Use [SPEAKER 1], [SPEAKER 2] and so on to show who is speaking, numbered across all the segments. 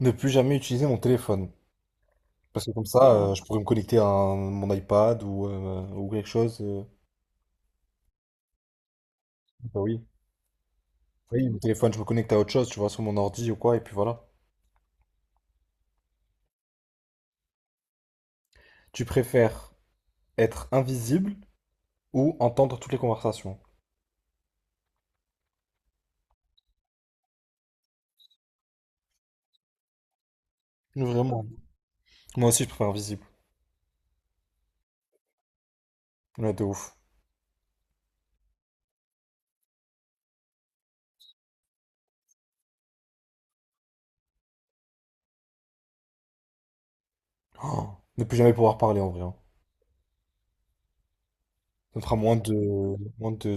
[SPEAKER 1] Ne plus jamais utiliser mon téléphone. Parce que comme ça, je pourrais me connecter à mon iPad ou quelque chose. Bah oui. Oui, mon téléphone, je me connecte à autre chose, tu vois, sur mon ordi ou quoi, et puis voilà. Tu préfères être invisible ou entendre toutes les conversations? Vraiment. Moi aussi, je préfère invisible. Ouais, de ouf. Oh, ne plus jamais pouvoir parler en vrai, hein. Ça me fera moins de...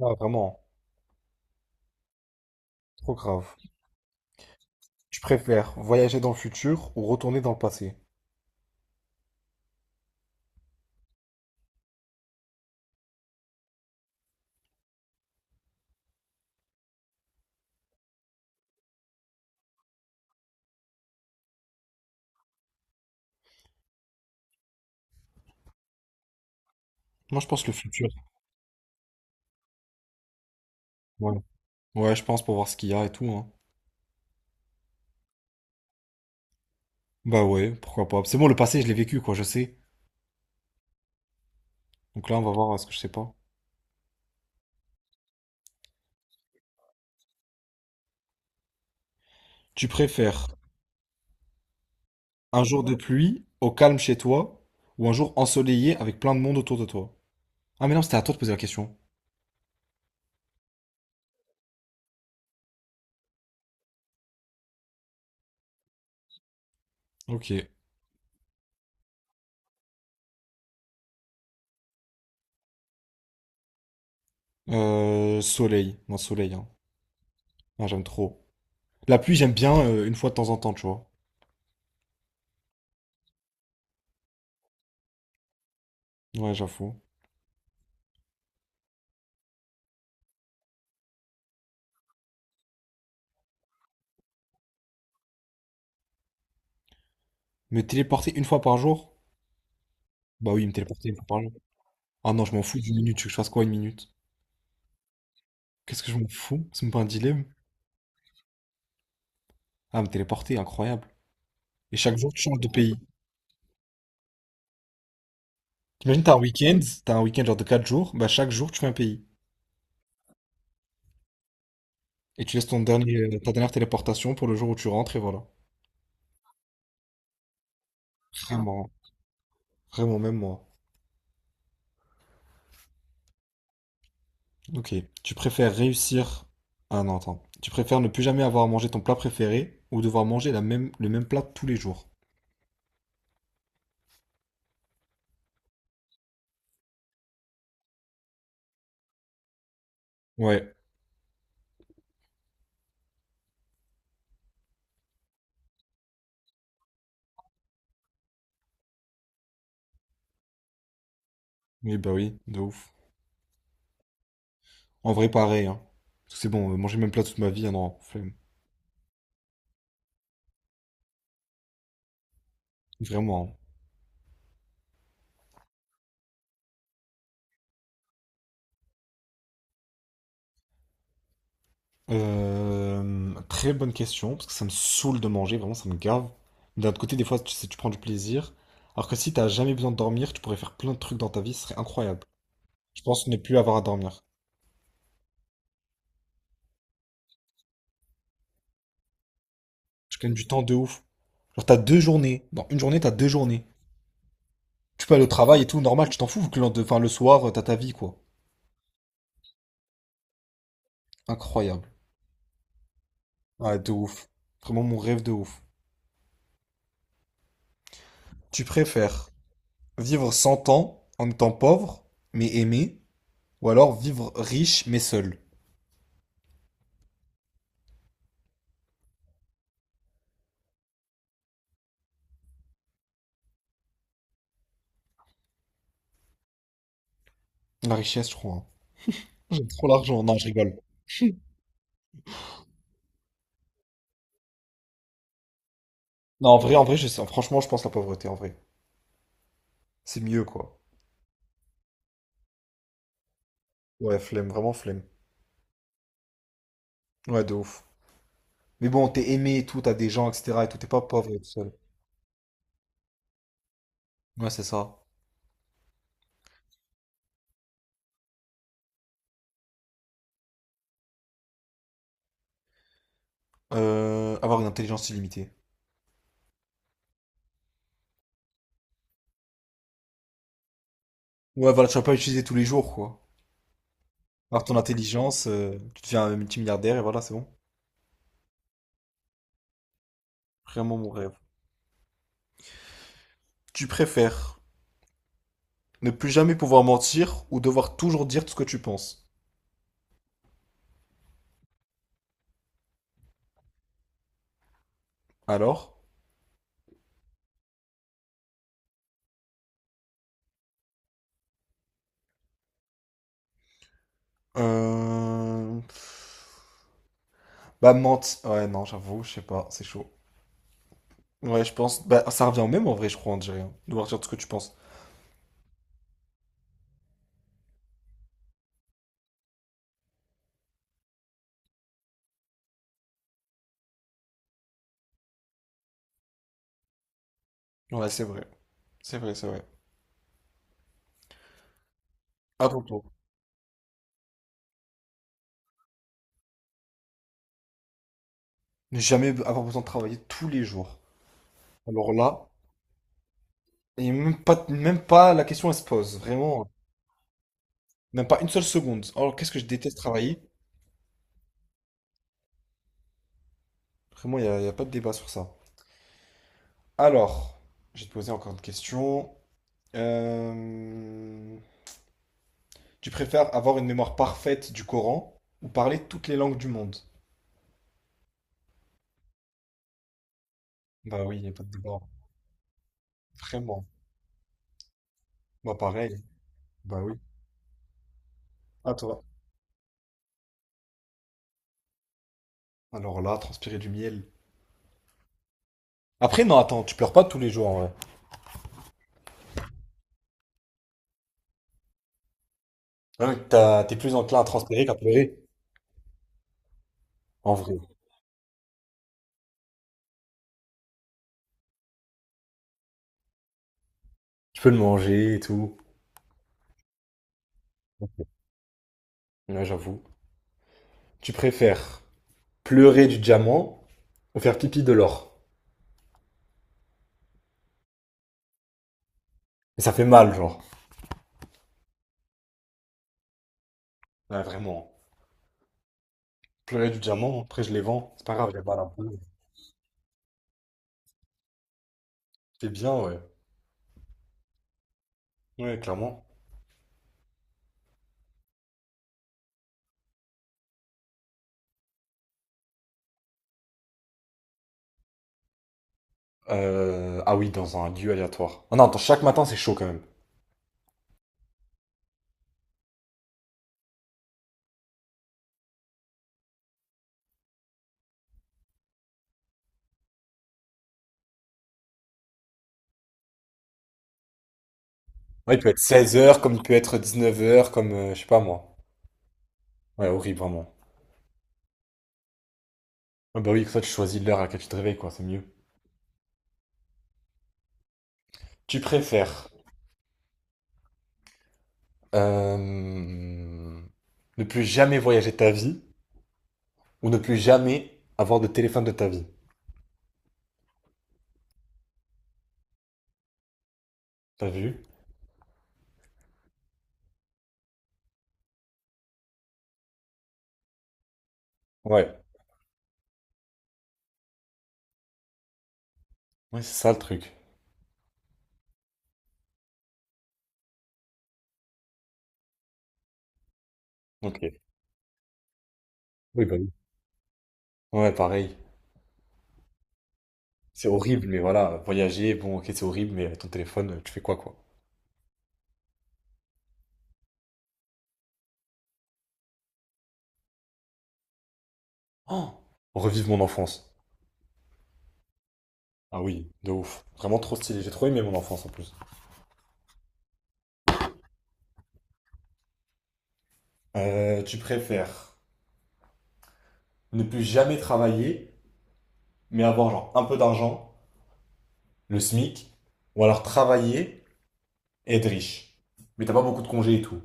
[SPEAKER 1] Ah, vraiment, hein. Trop grave. Tu préfères voyager dans le futur ou retourner dans le passé? Moi, je pense le futur. Ouais. Ouais, je pense pour voir ce qu'il y a et tout, hein. Bah ouais, pourquoi pas. C'est bon, le passé, je l'ai vécu, quoi, je sais. Donc là, on va voir ce que je sais pas. Tu préfères un jour de pluie au calme chez toi ou un jour ensoleillé avec plein de monde autour de toi? Ah mais non, c'était à toi de poser la question. Ok. Soleil. Non, soleil, hein. Non, j'aime trop. La pluie, j'aime bien une fois de temps en temps, tu vois. Ouais, j'avoue. Me téléporter une fois par jour? Bah oui, me téléporter une fois par jour. Ah non, je m'en fous d'une minute. Tu veux que je fasse quoi une minute? Qu'est-ce que je m'en fous? C'est même pas un dilemme. Ah, me téléporter, incroyable. Et chaque jour, tu changes de pays. T'imagines, t'as un week-end genre de 4 jours, bah chaque jour tu fais un pays. Et tu laisses ta dernière téléportation pour le jour où tu rentres et voilà. Vraiment, vraiment, même moi. Ok. Tu préfères réussir. Ah non, attends. Tu préfères ne plus jamais avoir à manger ton plat préféré ou devoir manger le même plat tous les jours. Ouais. Oui, bah oui, de ouf. En vrai, pareil, hein. Parce que c'est bon, manger le même plat toute ma vie, ah non, flemme. Vraiment, hein. Très bonne question, parce que ça me saoule de manger, vraiment ça me gave. Mais d'un autre côté, des fois, tu sais, tu prends du plaisir. Alors que si t'as jamais besoin de dormir, tu pourrais faire plein de trucs dans ta vie, ce serait incroyable. Je pense ne plus avoir à dormir. Je gagne du temps de ouf. Genre t'as 2 journées. Dans une journée, t'as 2 journées. Tu peux aller au travail et tout, normal, tu t'en fous, vu que enfin, le soir, t'as ta vie, quoi. Incroyable. Ah, de ouf. Vraiment mon rêve de ouf. Tu préfères vivre 100 ans en étant pauvre, mais aimé, ou alors vivre riche, mais seul? La richesse, je crois, hein. J'ai trop l'argent. Non, je rigole. Non, en vrai, je sais. Franchement, je pense la pauvreté, en vrai. C'est mieux, quoi. Ouais, flemme, vraiment flemme. Ouais, de ouf. Mais bon, t'es aimé et tout, t'as des gens, etc. Et tout, t'es pas pauvre et tout seul. Ouais, c'est ça. Avoir une intelligence illimitée. Ouais, voilà, tu vas pas l'utiliser tous les jours, quoi. Alors, ton intelligence, tu deviens un multimilliardaire et voilà, c'est bon. Vraiment mon rêve. Tu préfères ne plus jamais pouvoir mentir ou devoir toujours dire tout ce que tu penses. Alors? Euh... Bah, Ouais, non, j'avoue, je sais pas, c'est chaud. Ouais, je pense. Bah, ça revient au même en vrai, je crois, en Algérien. De partir de ce que tu penses. Ouais, c'est vrai. C'est vrai, c'est vrai. Attends-toi. Ne jamais avoir besoin de travailler tous les jours. Alors là, et même pas la question elle se pose. Vraiment, hein. Même pas une seule seconde. Alors, qu'est-ce que je déteste travailler? Vraiment, y a pas de débat sur ça. Alors, je vais te poser encore une question. Euh, Tu préfères avoir une mémoire parfaite du Coran ou parler toutes les langues du monde? Bah oui, il n'y a pas de débat. Vraiment. Bah pareil. Bah oui. À toi. Alors là, transpirer du miel. Après, non, attends, tu pleures pas tous les jours en vrai. Ah oui, T'es plus enclin à transpirer qu'à pleurer. En vrai. Tu peux le manger et tout. Là, j'avoue. Tu préfères pleurer du diamant ou faire pipi de l'or. Mais ça fait mal, genre. Ouais, vraiment. Pleurer du diamant, après je les vends. C'est pas grave, il y a mal un peu. C'est bien, ouais. Ouais, clairement. Ah oui, dans un lieu aléatoire. Ah non, attends, chaque matin, c'est chaud quand même. Ouais, il peut être 16 heures, comme il peut être 19 heures, comme je sais pas moi. Ouais, horrible, vraiment. Ah bah oui, comme ça tu choisis l'heure à laquelle tu te réveilles, quoi, c'est mieux. Tu préfères ne plus jamais voyager de ta vie ou ne plus jamais avoir de téléphone de ta vie. T'as vu? Ouais. Ouais, c'est ça le truc. Ok. Oui, bah oui. Ouais, pareil. C'est horrible, mais voilà, voyager, bon, ok, c'est horrible, mais ton téléphone, tu fais quoi, quoi? Oh! Revive mon enfance. Ah oui, de ouf. Vraiment trop stylé. J'ai trop aimé mon enfance en plus. Tu préfères ne plus jamais travailler, mais avoir genre un peu d'argent, le SMIC, ou alors travailler et être riche. Mais t'as pas beaucoup de congés et tout.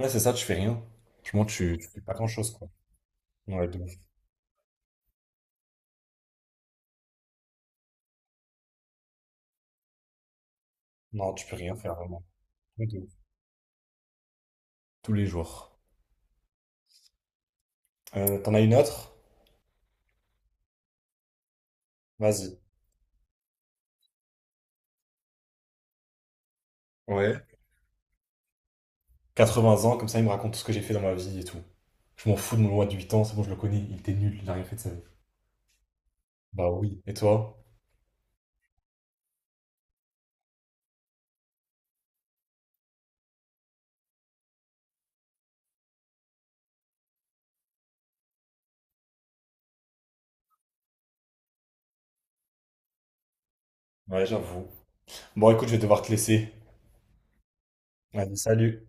[SPEAKER 1] Ouais, c'est ça, tu fais rien. Franchement, tu fais pas grand-chose, quoi. Ouais, de ouf. Non, tu peux rien faire, vraiment. Ouais, de ouf. Tous les jours. T'en as une autre? Vas-y. Ouais. Quatre-vingts ans, comme ça, il me raconte tout ce que j'ai fait dans ma vie et tout. Je m'en fous de mon loi de 8 ans, c'est bon, je le connais, il était nul, il a rien fait de sa vie. Bah oui. Et toi? Ouais, j'avoue. Bon, écoute, je vais devoir te laisser. Allez, salut.